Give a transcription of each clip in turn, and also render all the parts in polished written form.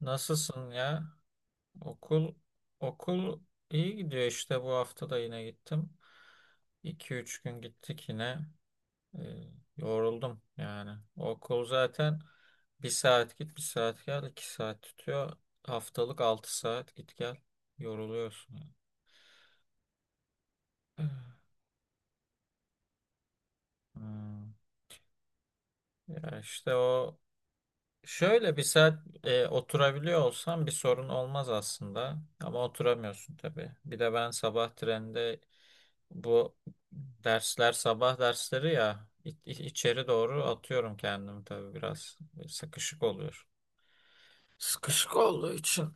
Nasılsın ya? Okul okul iyi gidiyor işte bu hafta da yine gittim. İki üç gün gittik yine. Ee, Yoruldum yani. Okul zaten bir saat git bir saat gel 2 saat tutuyor. Haftalık 6 saat git gel. Yoruluyorsun, yani. Hmm. Ya işte o şöyle bir saat oturabiliyor olsam bir sorun olmaz aslında ama oturamıyorsun tabii. Bir de ben sabah trende. Bu dersler sabah dersleri ya, içeri doğru atıyorum kendimi, tabii biraz sıkışık oluyor. Sıkışık olduğu için.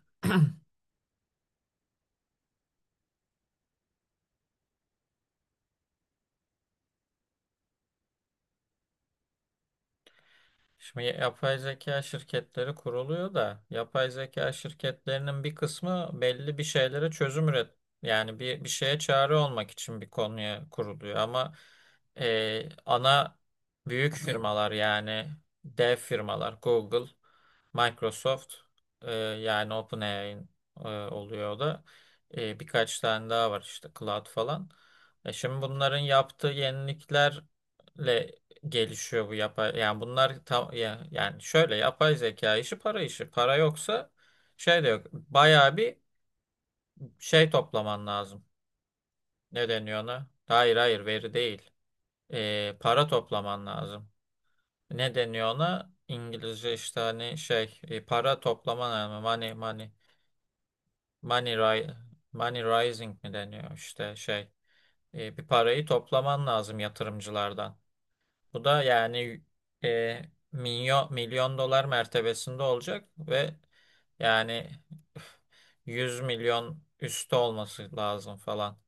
Şimdi yapay zeka şirketleri kuruluyor da yapay zeka şirketlerinin bir kısmı belli bir şeylere çözüm üret, yani bir şeye çare olmak için bir konuya kuruluyor ama ana büyük firmalar, yani dev firmalar Google, Microsoft, yani OpenAI oluyor o da. Birkaç tane daha var işte, Cloud falan. Şimdi bunların yaptığı yeniliklerle gelişiyor bu yapay, yani bunlar tam ya, yani şöyle, yapay zeka işi para işi. Para yoksa şey de yok. Bayağı bir şey toplaman lazım. Ne deniyor ona? Hayır, hayır, veri değil. Para toplaman lazım. Ne deniyor ona? İngilizce işte, hani şey, para toplaman lazım. Money ri- Money rising mi deniyor, işte şey. Bir parayı toplaman lazım yatırımcılardan. Bu da yani e, milyon dolar mertebesinde olacak ve yani 100 milyon üstü olması lazım falan.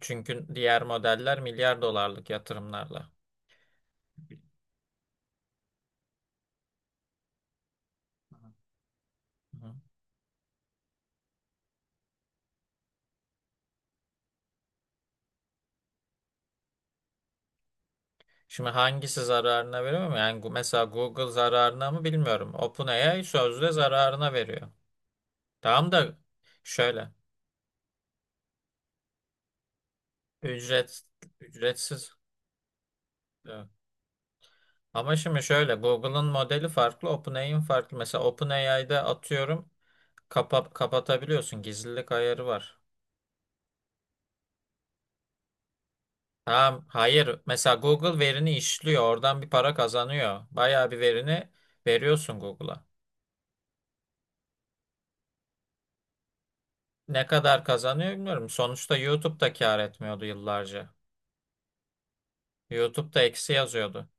Çünkü diğer modeller milyar dolarlık yatırımlarla. Hı. Şimdi hangisi zararına veriyor mu? Yani mesela Google zararına mı bilmiyorum. OpenAI sözde zararına veriyor. Tamam da şöyle, ücret ücretsiz e, ama şimdi şöyle, Google'ın modeli farklı, OpenAI'nin farklı. Mesela OpenAI'de atıyorum kapatabiliyorsun. Gizlilik ayarı var. Ha, hayır. Mesela Google verini işliyor. Oradan bir para kazanıyor. Bayağı bir verini veriyorsun Google'a. Ne kadar kazanıyor bilmiyorum. Sonuçta YouTube da kâr etmiyordu yıllarca. YouTube da eksi yazıyordu.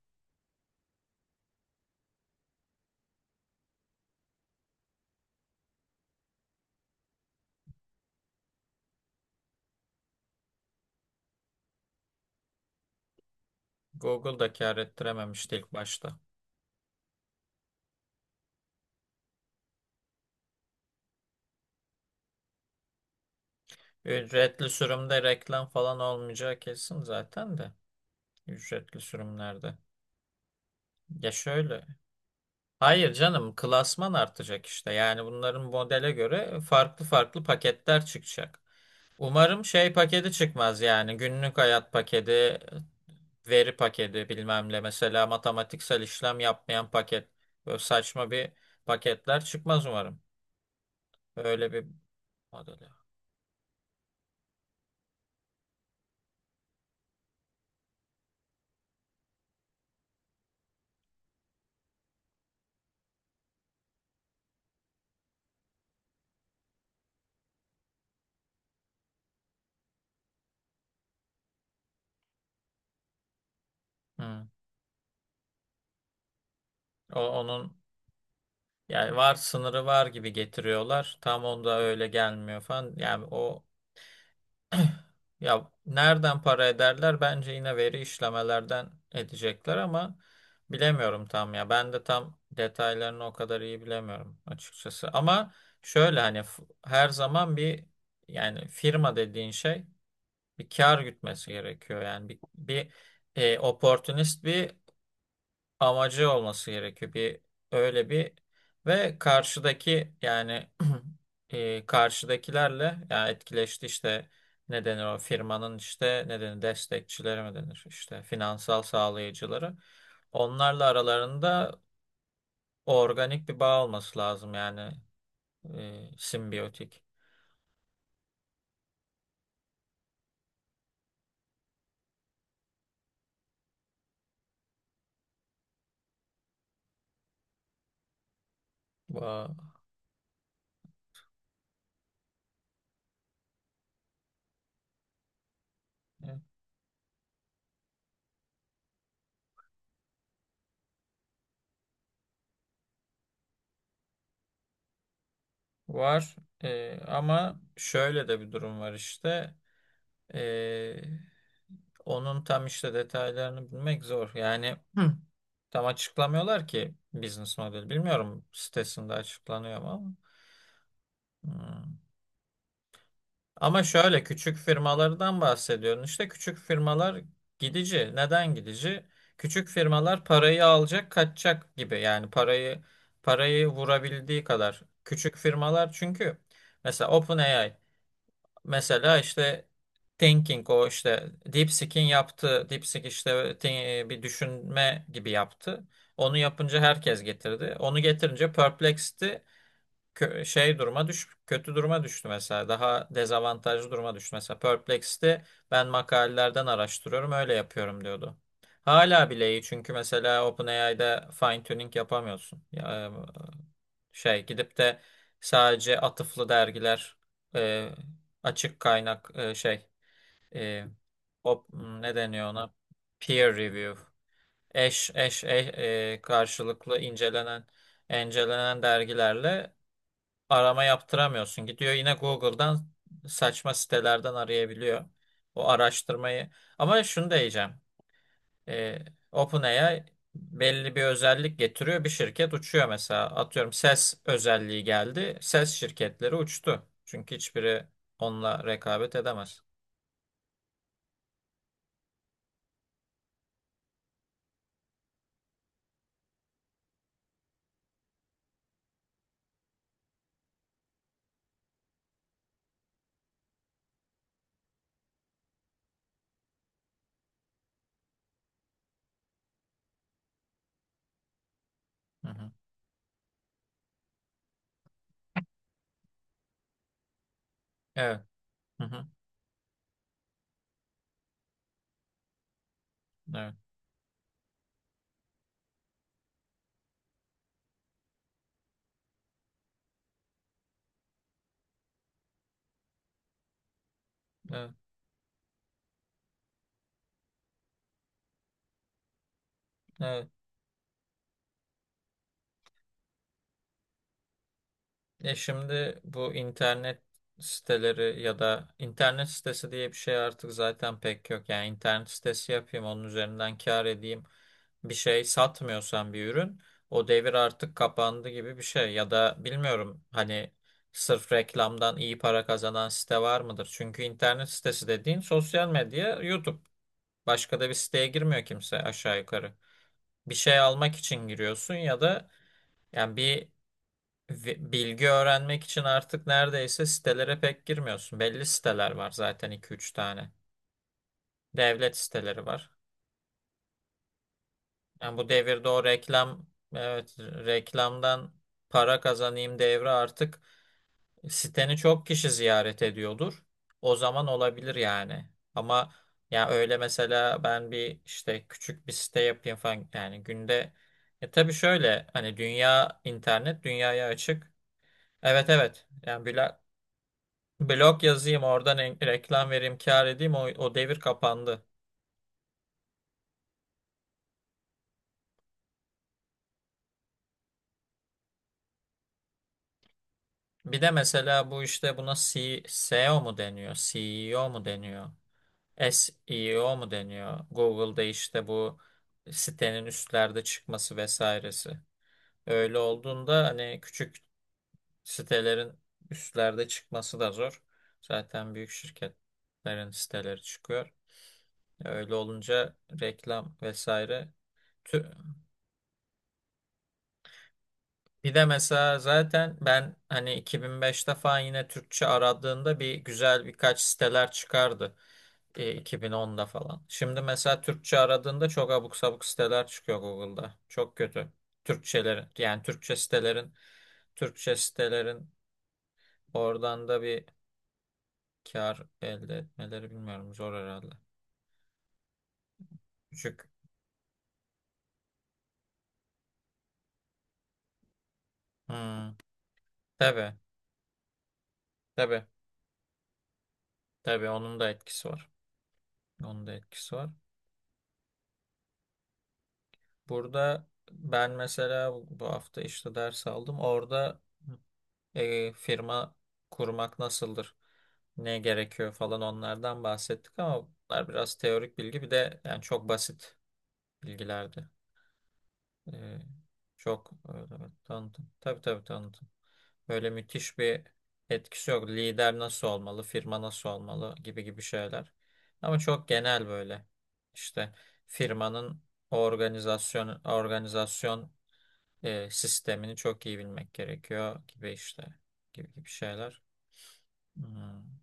Google da kâr ettirememişti ilk başta. Ücretli sürümde reklam falan olmayacağı kesin zaten de. Ücretli sürümlerde. Ya şöyle. Hayır canım, klasman artacak işte. Yani bunların modele göre farklı farklı paketler çıkacak. Umarım şey paketi çıkmaz, yani günlük hayat paketi, veri paketi bilmem ne, mesela matematiksel işlem yapmayan paket. Böyle saçma bir paketler çıkmaz umarım. Öyle bir modeli. Hı. Onun yani var, sınırı var gibi getiriyorlar. Tam onda öyle gelmiyor falan. Yani o ya nereden para ederler? Bence yine veri işlemelerden edecekler ama bilemiyorum tam ya. Ben de tam detaylarını o kadar iyi bilemiyorum açıkçası. Ama şöyle hani her zaman bir, yani firma dediğin şey bir kar gütmesi gerekiyor. Yani bir opportunist bir amacı olması gerekiyor. Bir öyle bir ve karşıdaki yani karşıdakilerle yani etkileşti, işte ne denir, o firmanın işte ne denir, destekçileri mi denir, işte finansal sağlayıcıları. Onlarla aralarında organik bir bağ olması lazım, yani simbiyotik bağ e, var. Ama şöyle de bir durum var işte. Ee, Onun tam işte detaylarını bilmek zor. Yani hı, tam açıklamıyorlar ki business model. Bilmiyorum sitesinde açıklanıyor mu ama. Hmm. Ama şöyle, küçük firmalardan bahsediyorum. İşte küçük firmalar gidici. Neden gidici? Küçük firmalar parayı alacak, kaçacak gibi. Yani parayı vurabildiği kadar. Küçük firmalar çünkü mesela OpenAI. Mesela işte thinking, o işte DeepSeek'in yaptığı, DeepSeek işte bir düşünme gibi yaptı. Onu yapınca herkes getirdi. Onu getirince Perplexed'i kö- şey duruma düş kötü duruma düştü mesela. Daha dezavantajlı duruma düştü. Mesela Perplexed'i ben makalelerden araştırıyorum, öyle yapıyorum diyordu. Hala bile iyi, çünkü mesela OpenAI'de fine tuning yapamıyorsun. Ya, şey gidip de sadece atıflı dergiler, e, açık kaynak, şey e, o, ne deniyor ona? Peer review. Karşılıklı incelenen dergilerle arama yaptıramıyorsun. Gidiyor yine Google'dan saçma sitelerden arayabiliyor o araştırmayı. Ama şunu da diyeceğim. Ee, OpenAI belli bir özellik getiriyor. Bir şirket uçuyor mesela. Atıyorum, ses özelliği geldi. Ses şirketleri uçtu. Çünkü hiçbiri onunla rekabet edemez. Hı hı. Evet. Hı hı. Evet. Evet. Evet. Ya şimdi bu internet siteleri ya da internet sitesi diye bir şey artık zaten pek yok. Yani internet sitesi yapayım, onun üzerinden kâr edeyim. Bir şey satmıyorsan bir ürün, o devir artık kapandı gibi bir şey. Ya da bilmiyorum hani sırf reklamdan iyi para kazanan site var mıdır? Çünkü internet sitesi dediğin sosyal medya, YouTube. Başka da bir siteye girmiyor kimse aşağı yukarı. Bir şey almak için giriyorsun ya da yani bir ve bilgi öğrenmek için artık neredeyse sitelere pek girmiyorsun. Belli siteler var zaten, iki üç tane. Devlet siteleri var. Yani bu devirde o reklam, evet reklamdan para kazanayım devri artık, siteni çok kişi ziyaret ediyordur. O zaman olabilir yani. Ama ya öyle, mesela ben bir işte küçük bir site yapayım falan, yani günde tabii şöyle, hani dünya, internet dünyaya açık. Evet, evet. Yani Bülent, blog yazayım, oradan reklam vereyim, kâr edeyim. O devir kapandı. Bir de mesela bu işte buna SEO mu deniyor? CEO mu deniyor? SEO mu deniyor? Google'da işte bu sitenin üstlerde çıkması vesairesi. Öyle olduğunda hani küçük sitelerin üstlerde çıkması da zor. Zaten büyük şirketlerin siteleri çıkıyor. Öyle olunca reklam vesaire. Bir de mesela zaten ben hani 2005'te falan yine Türkçe aradığında bir güzel birkaç siteler çıkardı. 2010'da falan. Şimdi mesela Türkçe aradığında çok abuk sabuk siteler çıkıyor Google'da. Çok kötü. Türkçelerin, yani Türkçe sitelerin, Türkçe sitelerin oradan da bir kar elde etmeleri bilmiyorum, zor herhalde. Küçük. Hmm. Tabii, tabii, tabii, onun da etkisi var. Onun da etkisi var. Burada ben mesela bu hafta işte ders aldım. Orada firma kurmak nasıldır? Ne gerekiyor falan, onlardan bahsettik ama bunlar biraz teorik bilgi, bir de yani çok basit bilgilerdi. E, Çok öyle tanıdım. Tabii, tabii tanıdım. Böyle müthiş bir etkisi yok. Lider nasıl olmalı, firma nasıl olmalı, gibi gibi şeyler. Ama çok genel böyle. İşte firmanın organizasyon sistemini çok iyi bilmek gerekiyor gibi, işte gibi gibi şeyler. Hmm.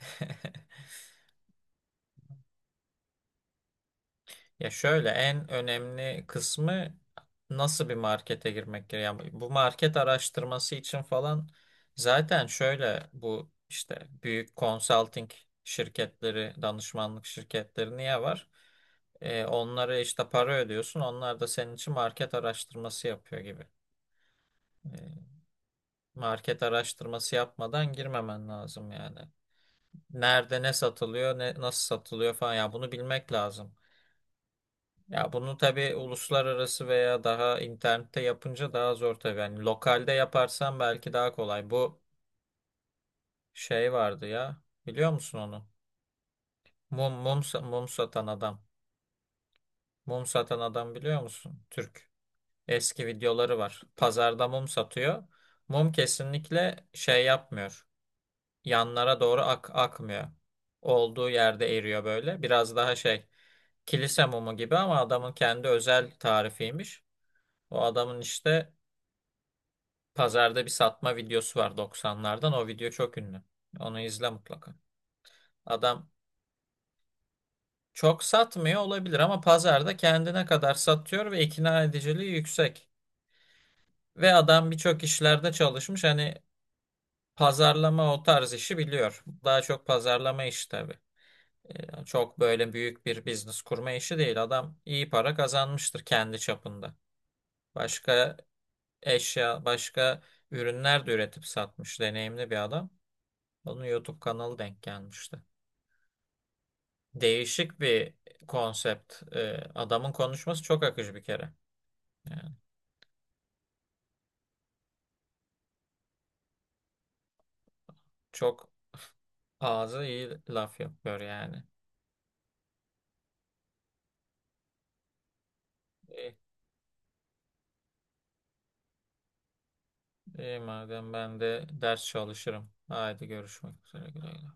Ya şöyle en önemli kısmı nasıl bir markete girmek gerekiyor. Yani bu market araştırması için falan zaten şöyle, bu işte büyük consulting şirketleri, danışmanlık şirketleri niye var? Onlara işte para ödüyorsun. Onlar da senin için market araştırması yapıyor gibi. E, Market araştırması yapmadan girmemen lazım yani. Nerede ne satılıyor, ne nasıl satılıyor falan, ya bunu bilmek lazım. Ya bunu tabii uluslararası veya daha internette yapınca daha zor tabii. Yani lokalde yaparsan belki daha kolay. Bu şey vardı ya. Biliyor musun onu? Mum satan adam. Mum satan adam biliyor musun? Türk. Eski videoları var. Pazarda mum satıyor. Mum kesinlikle şey yapmıyor. Yanlara doğru akmıyor. Olduğu yerde eriyor böyle. Biraz daha şey, kilise mumu gibi ama adamın kendi özel tarifiymiş. O adamın işte pazarda bir satma videosu var 90'lardan. O video çok ünlü. Onu izle mutlaka. Adam çok satmıyor olabilir ama pazarda kendine kadar satıyor ve ikna ediciliği yüksek. Ve adam birçok işlerde çalışmış. Hani pazarlama, o tarz işi biliyor. Daha çok pazarlama işi tabii. Çok böyle büyük bir business kurma işi değil. Adam iyi para kazanmıştır kendi çapında. Başka eşya, başka ürünler de üretip satmış, deneyimli bir adam. Onun YouTube kanalı denk gelmişti. Değişik bir konsept. Adamın konuşması çok akıcı bir kere. Yani çok ağzı iyi laf yapıyor yani. İyi, iyi madem ben de ders çalışırım. Haydi görüşmek üzere. Güle güle.